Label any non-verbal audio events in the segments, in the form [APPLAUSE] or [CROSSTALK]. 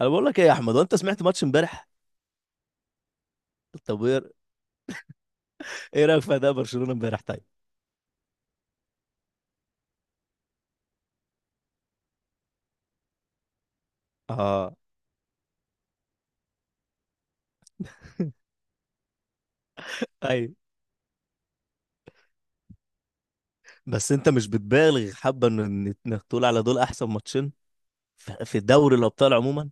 انا بقول لك ايه يا احمد، وانت سمعت ماتش امبارح؟ طب ايه، إيه رايك في اداء برشلونه امبارح؟ طيب. اه. اي، بس انت مش بتبالغ حبه ان انك تقول على دول احسن ماتشين في دوري الابطال عموما؟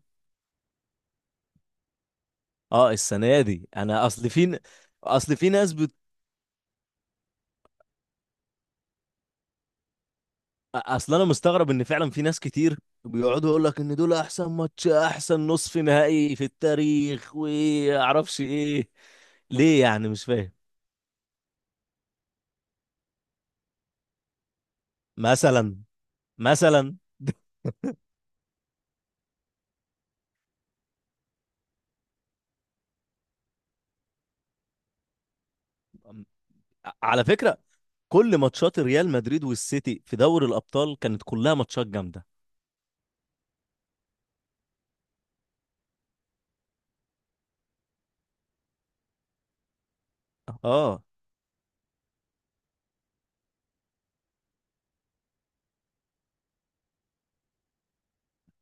اه، السنه دي انا اصل اصل اصل انا مستغرب ان فعلا في ناس كتير بيقعدوا يقول لك ان دول احسن ماتش، احسن نصف نهائي في التاريخ، واعرفش ايه. ليه يعني؟ مش فاهم. مثلا. مثلا [LAUGHS] على فكرة، كل ماتشات ريال مدريد والسيتي في دوري الابطال كانت كلها ماتشات جامده. اه،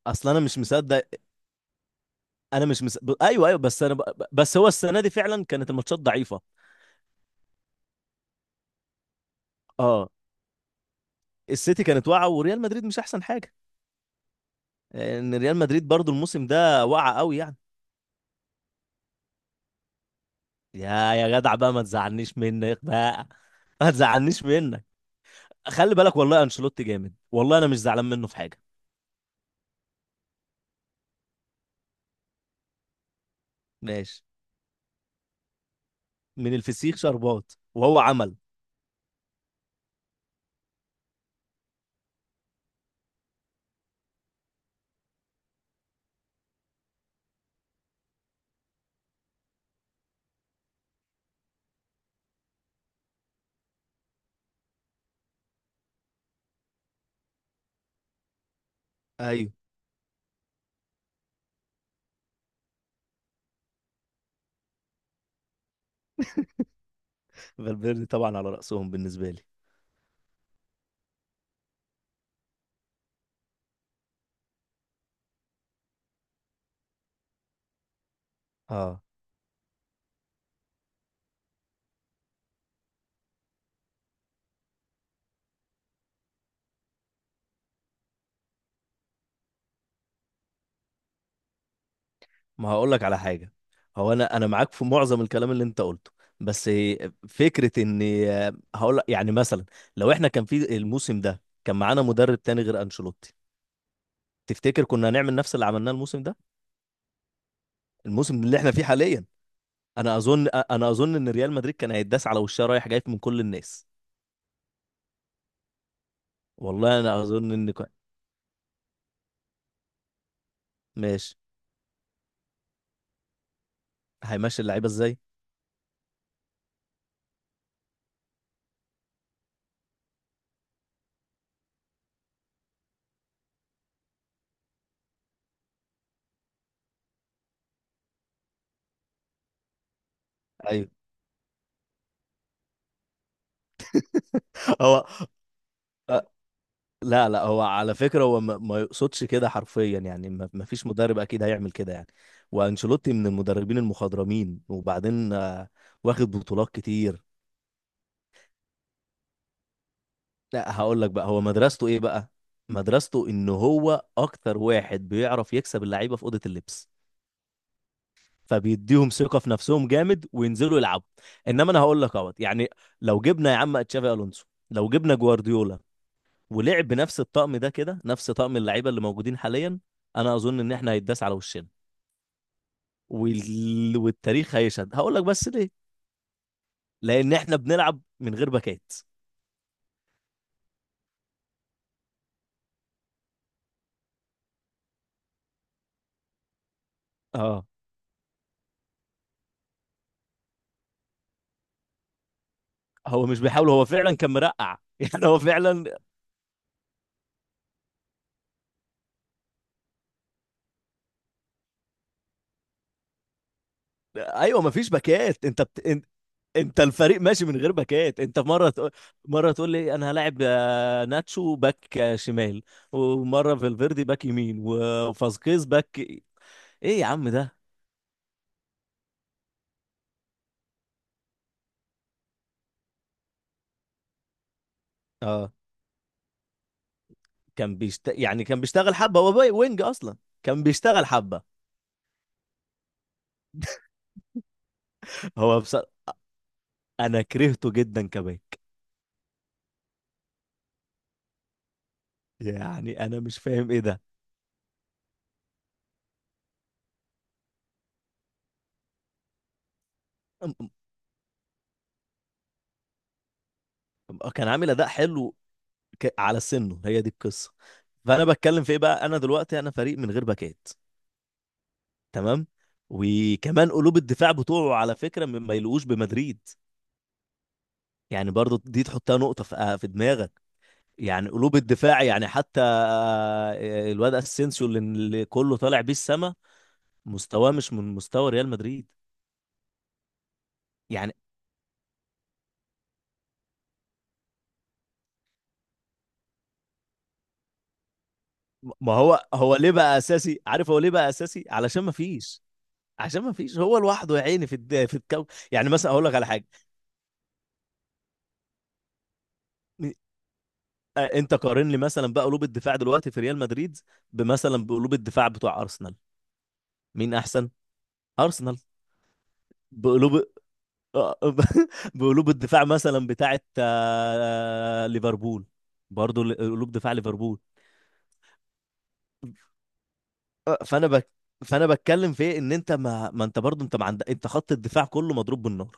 اصل انا مش مصدق، انا مش مصدق ايوه ايوه، بس انا بس هو السنه دي فعلا كانت الماتشات ضعيفه. اه، السيتي كانت واقعه وريال مدريد مش احسن حاجه. ان ريال مدريد برضو الموسم ده واقعه قوي يعني. يا جدع بقى، ما تزعلنيش منك بقى [LAUGHS] ما تزعلنيش منك. خلي بالك، والله انشيلوتي جامد، والله انا مش زعلان منه في حاجه. ماشي. من الفسيخ شربات وهو عمل. ايوه، فالفيردي طبعا على راسهم بالنسبه لي. اه، ما هقول لك على حاجة. هو انا معاك في معظم الكلام اللي انت قلته، بس فكرة ان، هقول لك يعني مثلا، لو احنا كان في الموسم ده كان معانا مدرب تاني غير انشيلوتي، تفتكر كنا هنعمل نفس اللي عملناه الموسم ده، الموسم اللي احنا فيه حاليا؟ انا اظن ان ريال مدريد كان هيتداس على وشها رايح جاي من كل الناس. والله انا اظن ان ماشي. هيمشي اللعيبة ازاي؟ ايوه [LAUGHS] هو لا لا، هو على فكرة هو ما يقصدش كده حرفيا يعني، ما فيش مدرب أكيد هيعمل كده يعني. وأنشيلوتي من المدربين المخضرمين، وبعدين آه، واخد بطولات كتير. لا هقول لك بقى هو مدرسته إيه بقى؟ مدرسته إن هو أكتر واحد بيعرف يكسب اللعيبة في أوضة اللبس، فبيديهم ثقة في نفسهم جامد وينزلوا يلعبوا. إنما أنا هقول لك أهوت يعني، لو جبنا يا عم تشافي ألونسو، لو جبنا جوارديولا ولعب بنفس الطقم ده كده، نفس طقم اللعيبة اللي موجودين حاليا، أنا أظن إن إحنا هيتداس على وشنا. والتاريخ هيشهد. هقول لك بس ليه؟ لان احنا بنلعب من غير باكات. اه، هو مش بيحاول، هو فعلا كان مرقع [LAUGHS] يعني هو فعلا. ايوه مفيش باكات، انت انت، انت الفريق ماشي من غير باكات، انت مره تقول، مره تقول لي انا هلاعب آه، ناتشو باك آه، شمال، ومره فالفيردي باك يمين وفاسكيز باك. ايه يا عم ده. اه، كان يعني كان بيشتغل حبه هو وينج اصلا. كان بيشتغل حبه هو. انا كرهته جدا كباك. يعني انا مش فاهم ايه ده. أم- أم- آه، كان عامل اداء حلو. على سنه هي دي القصه. فانا بتكلم في ايه بقى؟ انا دلوقتي انا فريق من غير باكات. تمام. وكمان قلوب الدفاع بتوعه على فكره ما يلقوش بمدريد. يعني برضو دي تحطها نقطه في آه، في دماغك. يعني قلوب الدفاع، يعني حتى آه، الواد اسينسيو اللي كله طالع بيه السما، مستواه مش من مستوى ريال مدريد. يعني ما هو هو ليه بقى اساسي؟ عارف هو ليه بقى اساسي؟ علشان ما فيش. عشان ما فيش، هو لوحده يا عيني في في الكوكب. يعني مثلا اقول لك على حاجه، آه، انت قارن لي مثلا بقى قلوب الدفاع دلوقتي في ريال مدريد بمثلا بقلوب الدفاع بتوع ارسنال، مين احسن؟ ارسنال بقلوب آه، [LAUGHS] بقلوب الدفاع مثلا بتاعت آه، ليفربول، برضو قلوب دفاع ليفربول. آه، فانا بتكلم في إيه؟ ان انت ما انت برضو انت ما عندك انت، خط الدفاع كله مضروب بالنار.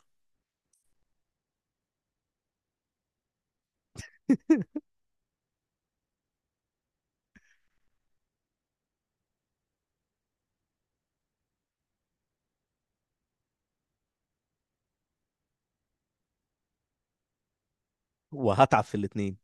وهتعب في الاثنين.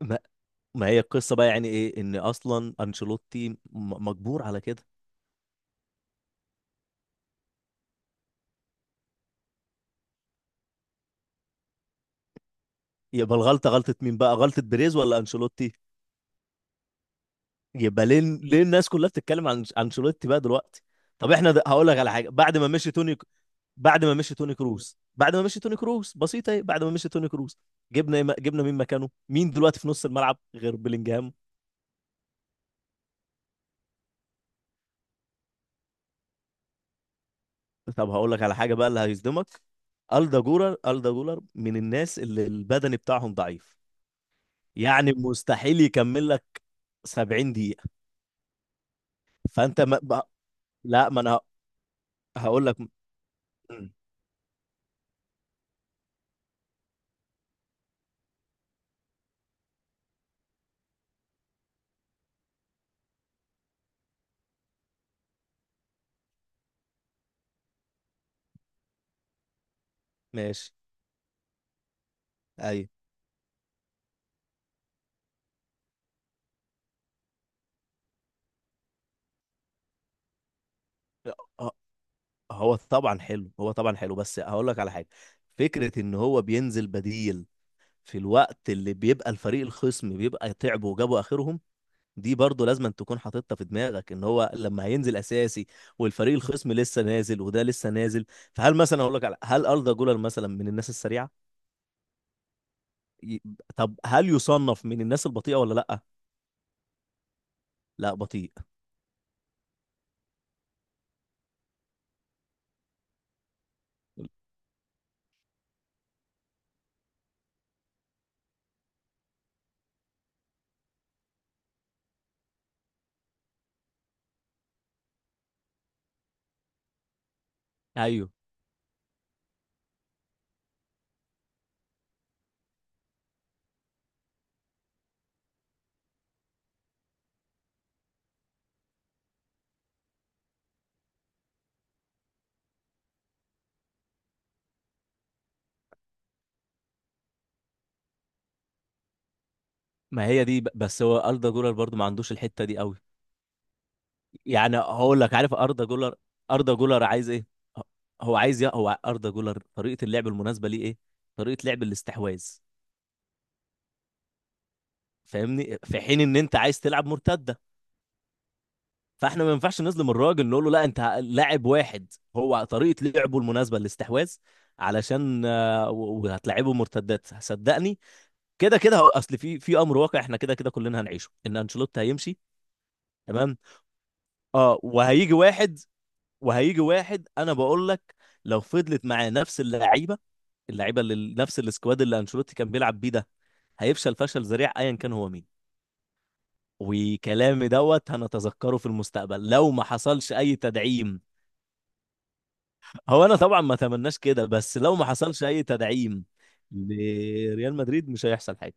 ما... ما هي القصه بقى، يعني ايه ان اصلا انشيلوتي مجبور على كده. يبقى الغلطه غلطه مين بقى؟ غلطه بيريز ولا انشيلوتي؟ يبقى ليه الناس كلها بتتكلم عن انشيلوتي بقى دلوقتي؟ طب احنا هقول لك على حاجه. بعد ما مشي توني، بعد ما مشي توني كروز، بعد ما مشي توني كروز بسيطه، اهي بعد ما مشي توني كروز جبنا جبنا مين مكانه؟ مين دلوقتي في نص الملعب غير بيلينجهام؟ طب هقول لك على حاجه بقى اللي هيصدمك، الدا جولر، الدا جولر من الناس اللي البدني بتاعهم ضعيف. يعني مستحيل يكمل لك 70 دقيقه. فانت ما... بقى- لا ما انا هقول لك. ماشي. ايوه. ه- هو طبعا حلو، هو طبعا حلو، بس هقول لك على حاجه. فكره ان هو بينزل بديل في الوقت اللي بيبقى الفريق الخصم بيبقى تعبوا وجابوا اخرهم، دي برضه لازم أن تكون حاططها في دماغك ان هو لما هينزل اساسي، والفريق الخصم لسه نازل وده لسه نازل. فهل مثلا اقول لك على، هل أردا جولر مثلا من الناس السريعه؟ ي- طب هل يصنف من الناس البطيئه ولا لا؟ لا بطيء. ايوه، ما هي دي بس هو أردا جولر برضه ما عندوش الحته دي قوي. يعني هقول لك، عارف اردا جولر، اردا جولر عايز ايه؟ هو عايز هو اردا جولر طريقه اللعب المناسبه ليه ايه؟ طريقه لعب الاستحواذ. فاهمني، في حين ان انت عايز تلعب مرتده، فاحنا ما ينفعش نظلم الراجل نقول له لا، انت لاعب واحد هو طريقه لعبه المناسبه الاستحواذ. علشان آه، وهتلعبه مرتدات صدقني. كده كده اصل في امر واقع، احنا كده كده كلنا هنعيشه ان انشيلوتي هيمشي. تمام. اه وهيجي واحد، وهيجي واحد انا بقول لك، لو فضلت معاه نفس اللعيبه، اللعيبه اللي نفس السكواد اللي انشيلوتي كان بيلعب بيه ده، هيفشل فشل ذريع ايا كان هو مين. وكلامي دوت هنتذكره في المستقبل لو ما حصلش اي تدعيم. هو انا طبعا ما اتمناش كده، بس لو ما حصلش اي تدعيم لريال مدريد مش هيحصل حاجه.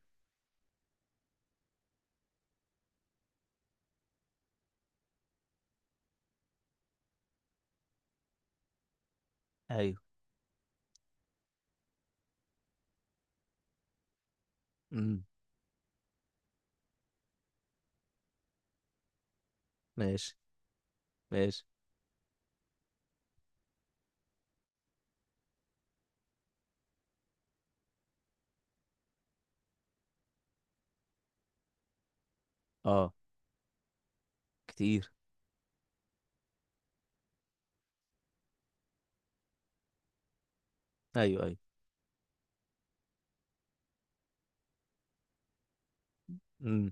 ايوه. امم. ماشي. ماشي. اه. كتير. ايوه ايوه. امم.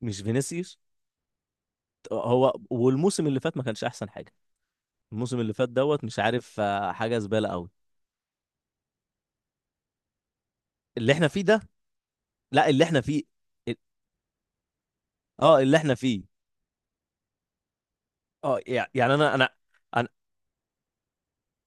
مش فينيسيوس هو، والموسم اللي فات ما كانش احسن حاجه، الموسم اللي فات دوت مش عارف آه، حاجه زباله قوي. اللي احنا فيه ده. لا اللي احنا فيه، ال- اه اللي احنا فيه. اه يعني انا انا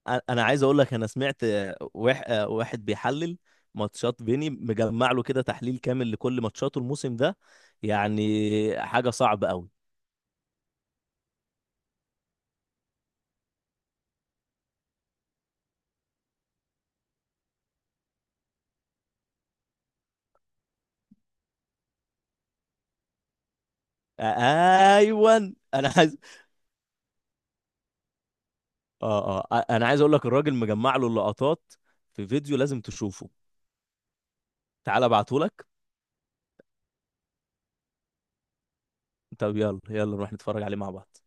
انا انا عايز اقول لك، انا سمعت آه، آه، واحد بيحلل ماتشات فيني، مجمع له كده تحليل كامل لكل ماتشاته الموسم ده. يعني حاجه صعبه قوي. ايوه انا عايز [LAUGHS] اه اه انا عايز اقول لك الراجل مجمع له اللقطات في فيديو لازم تشوفه. تعال ابعته لك. طب يلا يلا نروح نتفرج عليه مع بعض.